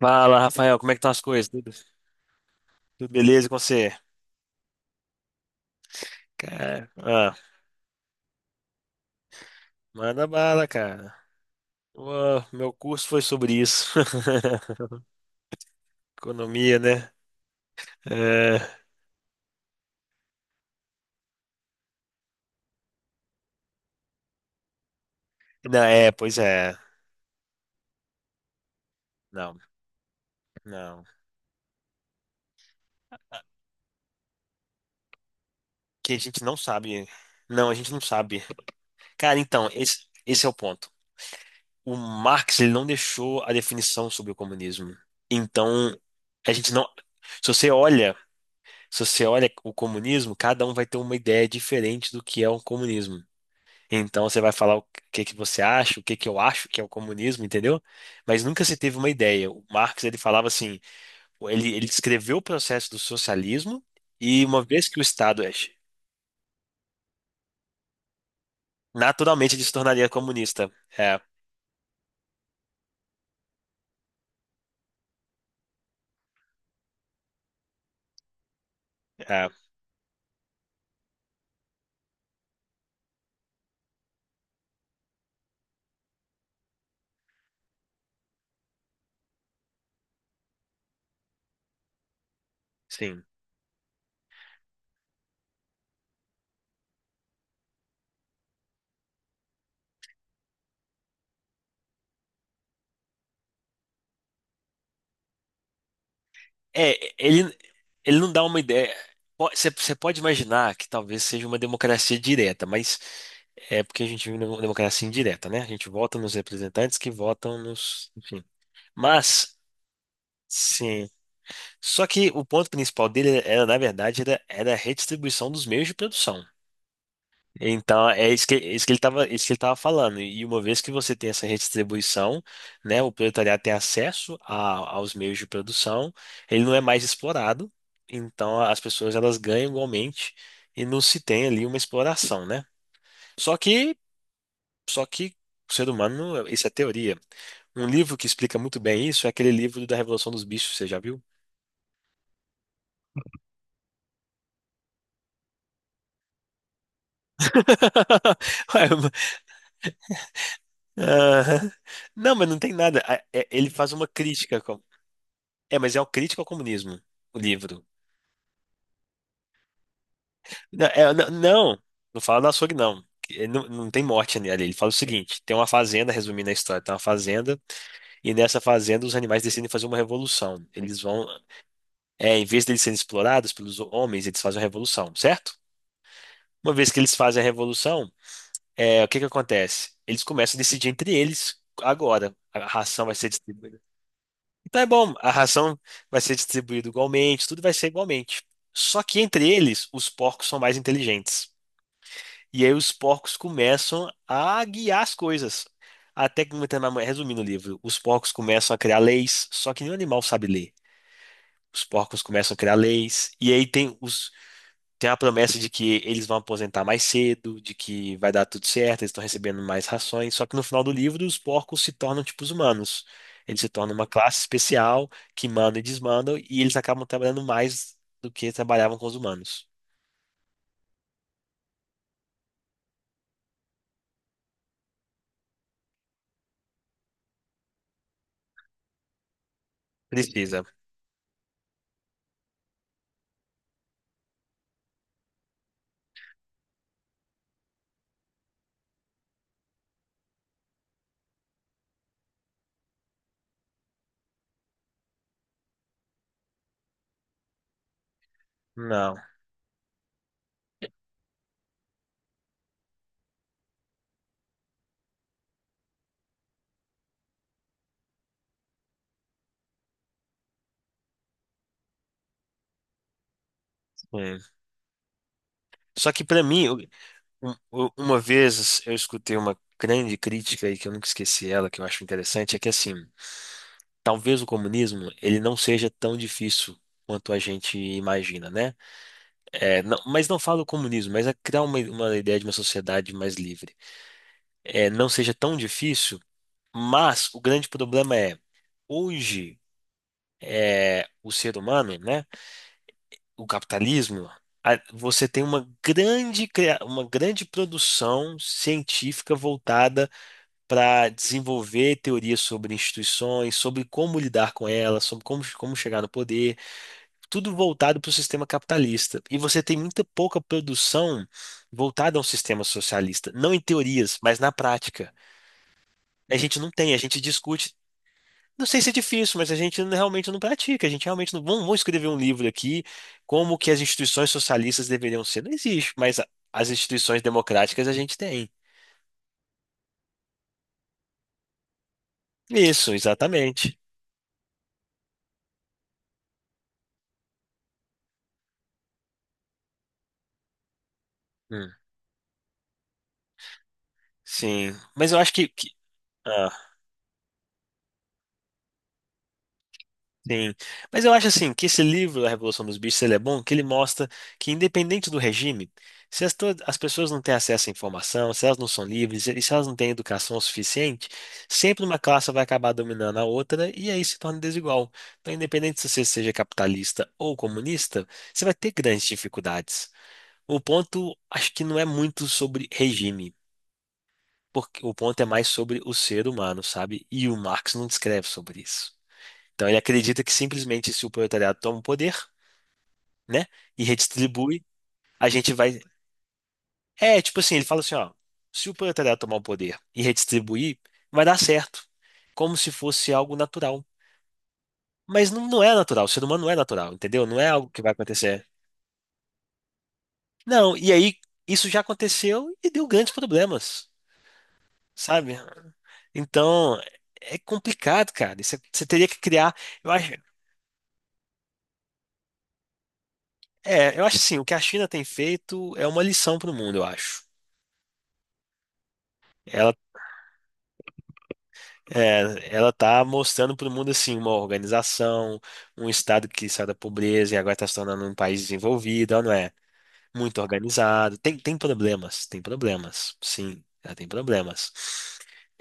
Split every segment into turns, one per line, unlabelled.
Fala, Rafael, como é que estão as coisas? Tudo beleza com você? Cara, manda bala, cara. Ô, meu curso foi sobre isso. Economia, né? É, pois é. Não, não. Que a gente não sabe. Não, a gente não sabe. Cara, então, esse é o ponto. O Marx, ele não deixou a definição sobre o comunismo. Então, a gente não. Se você olha, se você olha o comunismo, cada um vai ter uma ideia diferente do que é o comunismo. Então você vai falar o que que você acha, o que que eu acho que é o comunismo, entendeu? Mas nunca se teve uma ideia. O Marx ele falava assim, ele descreveu o processo do socialismo e uma vez que o Estado é, naturalmente ele se tornaria comunista. É, é, sim. É, ele não dá uma ideia. Você pode imaginar que talvez seja uma democracia direta, mas é porque a gente vive numa democracia indireta, né? A gente vota nos representantes que votam nos, enfim. Mas, sim. Só que o ponto principal dele era, na verdade, era a redistribuição dos meios de produção. Então, é isso que ele estava, isso que ele estava falando. E uma vez que você tem essa redistribuição, né, o proletariado tem acesso aos meios de produção, ele não é mais explorado, então as pessoas elas ganham igualmente e não se tem ali uma exploração, né? Só que, só que o ser humano, isso é teoria. Um livro que explica muito bem isso é aquele livro da Revolução dos Bichos, você já viu? Aham. Não, mas não tem nada. Ele faz uma crítica. É, mas é uma crítica ao comunismo, o livro. Não, é, não, não, não fala do açougue, não. Não, não tem morte ali. Ele fala o seguinte: tem uma fazenda, resumindo a história, tem uma fazenda, e nessa fazenda os animais decidem fazer uma revolução. Eles vão, em vez deles serem explorados pelos homens, eles fazem uma revolução, certo? Uma vez que eles fazem a revolução, o que que acontece? Eles começam a decidir entre eles agora. A ração vai ser distribuída. Então é bom, a ração vai ser distribuída igualmente, tudo vai ser igualmente. Só que entre eles, os porcos são mais inteligentes. E aí os porcos começam a guiar as coisas. Até que, resumindo o livro, os porcos começam a criar leis, só que nenhum animal sabe ler. Os porcos começam a criar leis, e aí tem os, tem a promessa de que eles vão aposentar mais cedo, de que vai dar tudo certo, eles estão recebendo mais rações. Só que no final do livro, os porcos se tornam tipo os humanos. Eles se tornam uma classe especial que manda e desmanda, e eles acabam trabalhando mais do que trabalhavam com os humanos. Precisa. Não. Sim. Só que pra mim, um- uma vez eu escutei uma grande crítica aí que eu nunca esqueci ela, que eu acho interessante, é que assim, talvez o comunismo ele não seja tão difícil quanto a gente imagina, né? É, mas não falo comunismo, mas é criar uma ideia de uma sociedade mais livre. É, não seja tão difícil, mas o grande problema é, hoje, é, o ser humano, né, o capitalismo, você tem uma grande, uma grande produção científica voltada para desenvolver teorias sobre instituições, sobre como lidar com elas, sobre como, como chegar no poder. Tudo voltado para o sistema capitalista. E você tem muita pouca produção voltada a um sistema socialista. Não em teorias, mas na prática. A gente não tem, a gente discute. Não sei se é difícil, mas a gente realmente não pratica. A gente realmente não. Vamos escrever um livro aqui, como que as instituições socialistas deveriam ser. Não existe, mas as instituições democráticas a gente tem. Isso, exatamente. Hum, Sim. Mas eu acho ah, sim. Mas eu acho assim que esse livro, A Revolução dos Bichos, ele é bom, que ele mostra que independente do regime, se as, as pessoas não têm acesso à informação, se elas não são livres e se elas não têm educação suficiente, sempre uma classe vai acabar dominando a outra e aí se torna desigual. Então, independente se você seja capitalista ou comunista, você vai ter grandes dificuldades. O ponto, acho que não é muito sobre regime, porque o ponto é mais sobre o ser humano, sabe? E o Marx não descreve sobre isso. Então ele acredita que simplesmente se o proletariado toma o poder, né, e redistribui, a gente vai. É, tipo assim, ele fala assim, ó, se o proletariado tomar o poder e redistribuir, vai dar certo, como se fosse algo natural. Mas não, não é natural, o ser humano não é natural, entendeu? Não é algo que vai acontecer. Não, e aí isso já aconteceu e deu grandes problemas, sabe? Então, é complicado, cara. Você teria que criar. Eu acho, eu acho assim, o que a China tem feito é uma lição para o mundo, eu acho. É, ela tá mostrando para o mundo assim uma organização, um estado que sai da pobreza e agora está se tornando um país desenvolvido, ela não é muito organizado. Tem problemas, tem problemas, sim, ela tem problemas.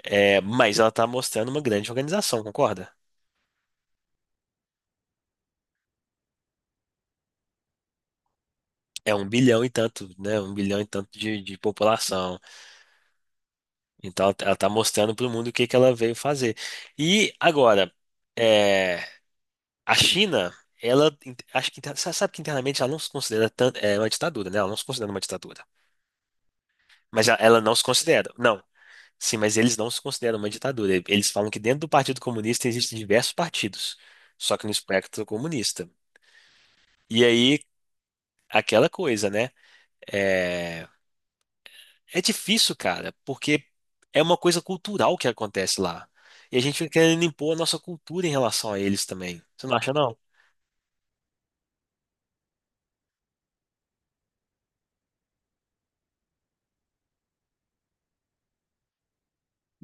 É, mas ela tá mostrando uma grande organização, concorda? É um bilhão e tanto, né? Um bilhão e tanto de população. Então ela tá mostrando para o mundo o que que ela veio fazer. E agora, é, a China, ela acho que sabe que internamente ela não se considera tanto, é uma ditadura, né? Ela não se considera uma ditadura. Mas ela não se considera. Não. Sim, mas eles não se consideram uma ditadura. Eles falam que dentro do Partido Comunista existem diversos partidos, só que no espectro comunista. E aí, aquela coisa, né? É, é difícil, cara, porque é uma coisa cultural que acontece lá. E a gente fica querendo impor a nossa cultura em relação a eles também. Você não acha, não?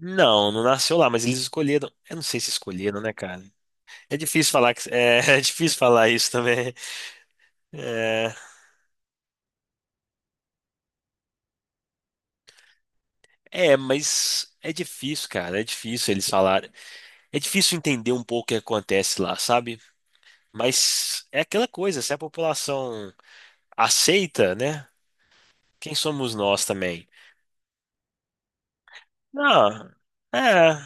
Não, não nasceu lá, mas eles escolheram. Eu não sei se escolheram, né, cara? É difícil falar que, é, é difícil falar isso também. É, mas é difícil, cara. É difícil eles falarem. É difícil entender um pouco o que acontece lá, sabe? Mas é aquela coisa, se a população aceita, né? Quem somos nós também? Não, é.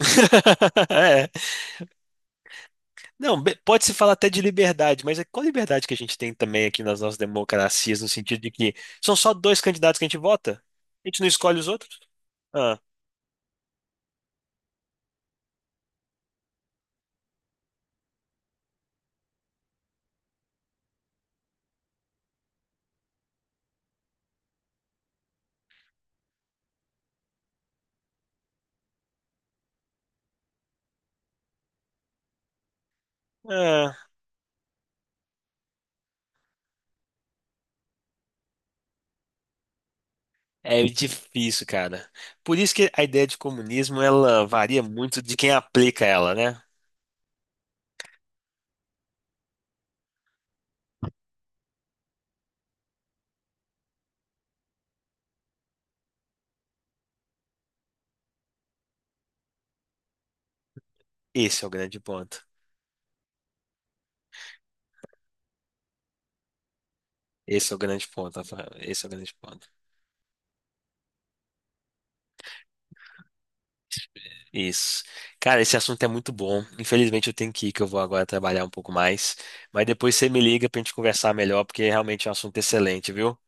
É. Não, pode se falar até de liberdade, mas é qual liberdade que a gente tem também aqui nas nossas democracias, no sentido de que são só 2 candidatos que a gente vota? A gente não escolhe os outros? Ah, é. É difícil, cara. Por isso que a ideia de comunismo ela varia muito de quem aplica ela, né? Esse é o grande ponto. Esse é o grande ponto, Rafael. Esse é o grande ponto. Isso. Cara, esse assunto é muito bom. Infelizmente eu tenho que ir, que eu vou agora trabalhar um pouco mais. Mas depois você me liga pra gente conversar melhor, porque realmente é um assunto excelente, viu?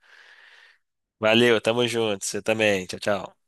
Valeu, tamo junto. Você também. Tchau, tchau.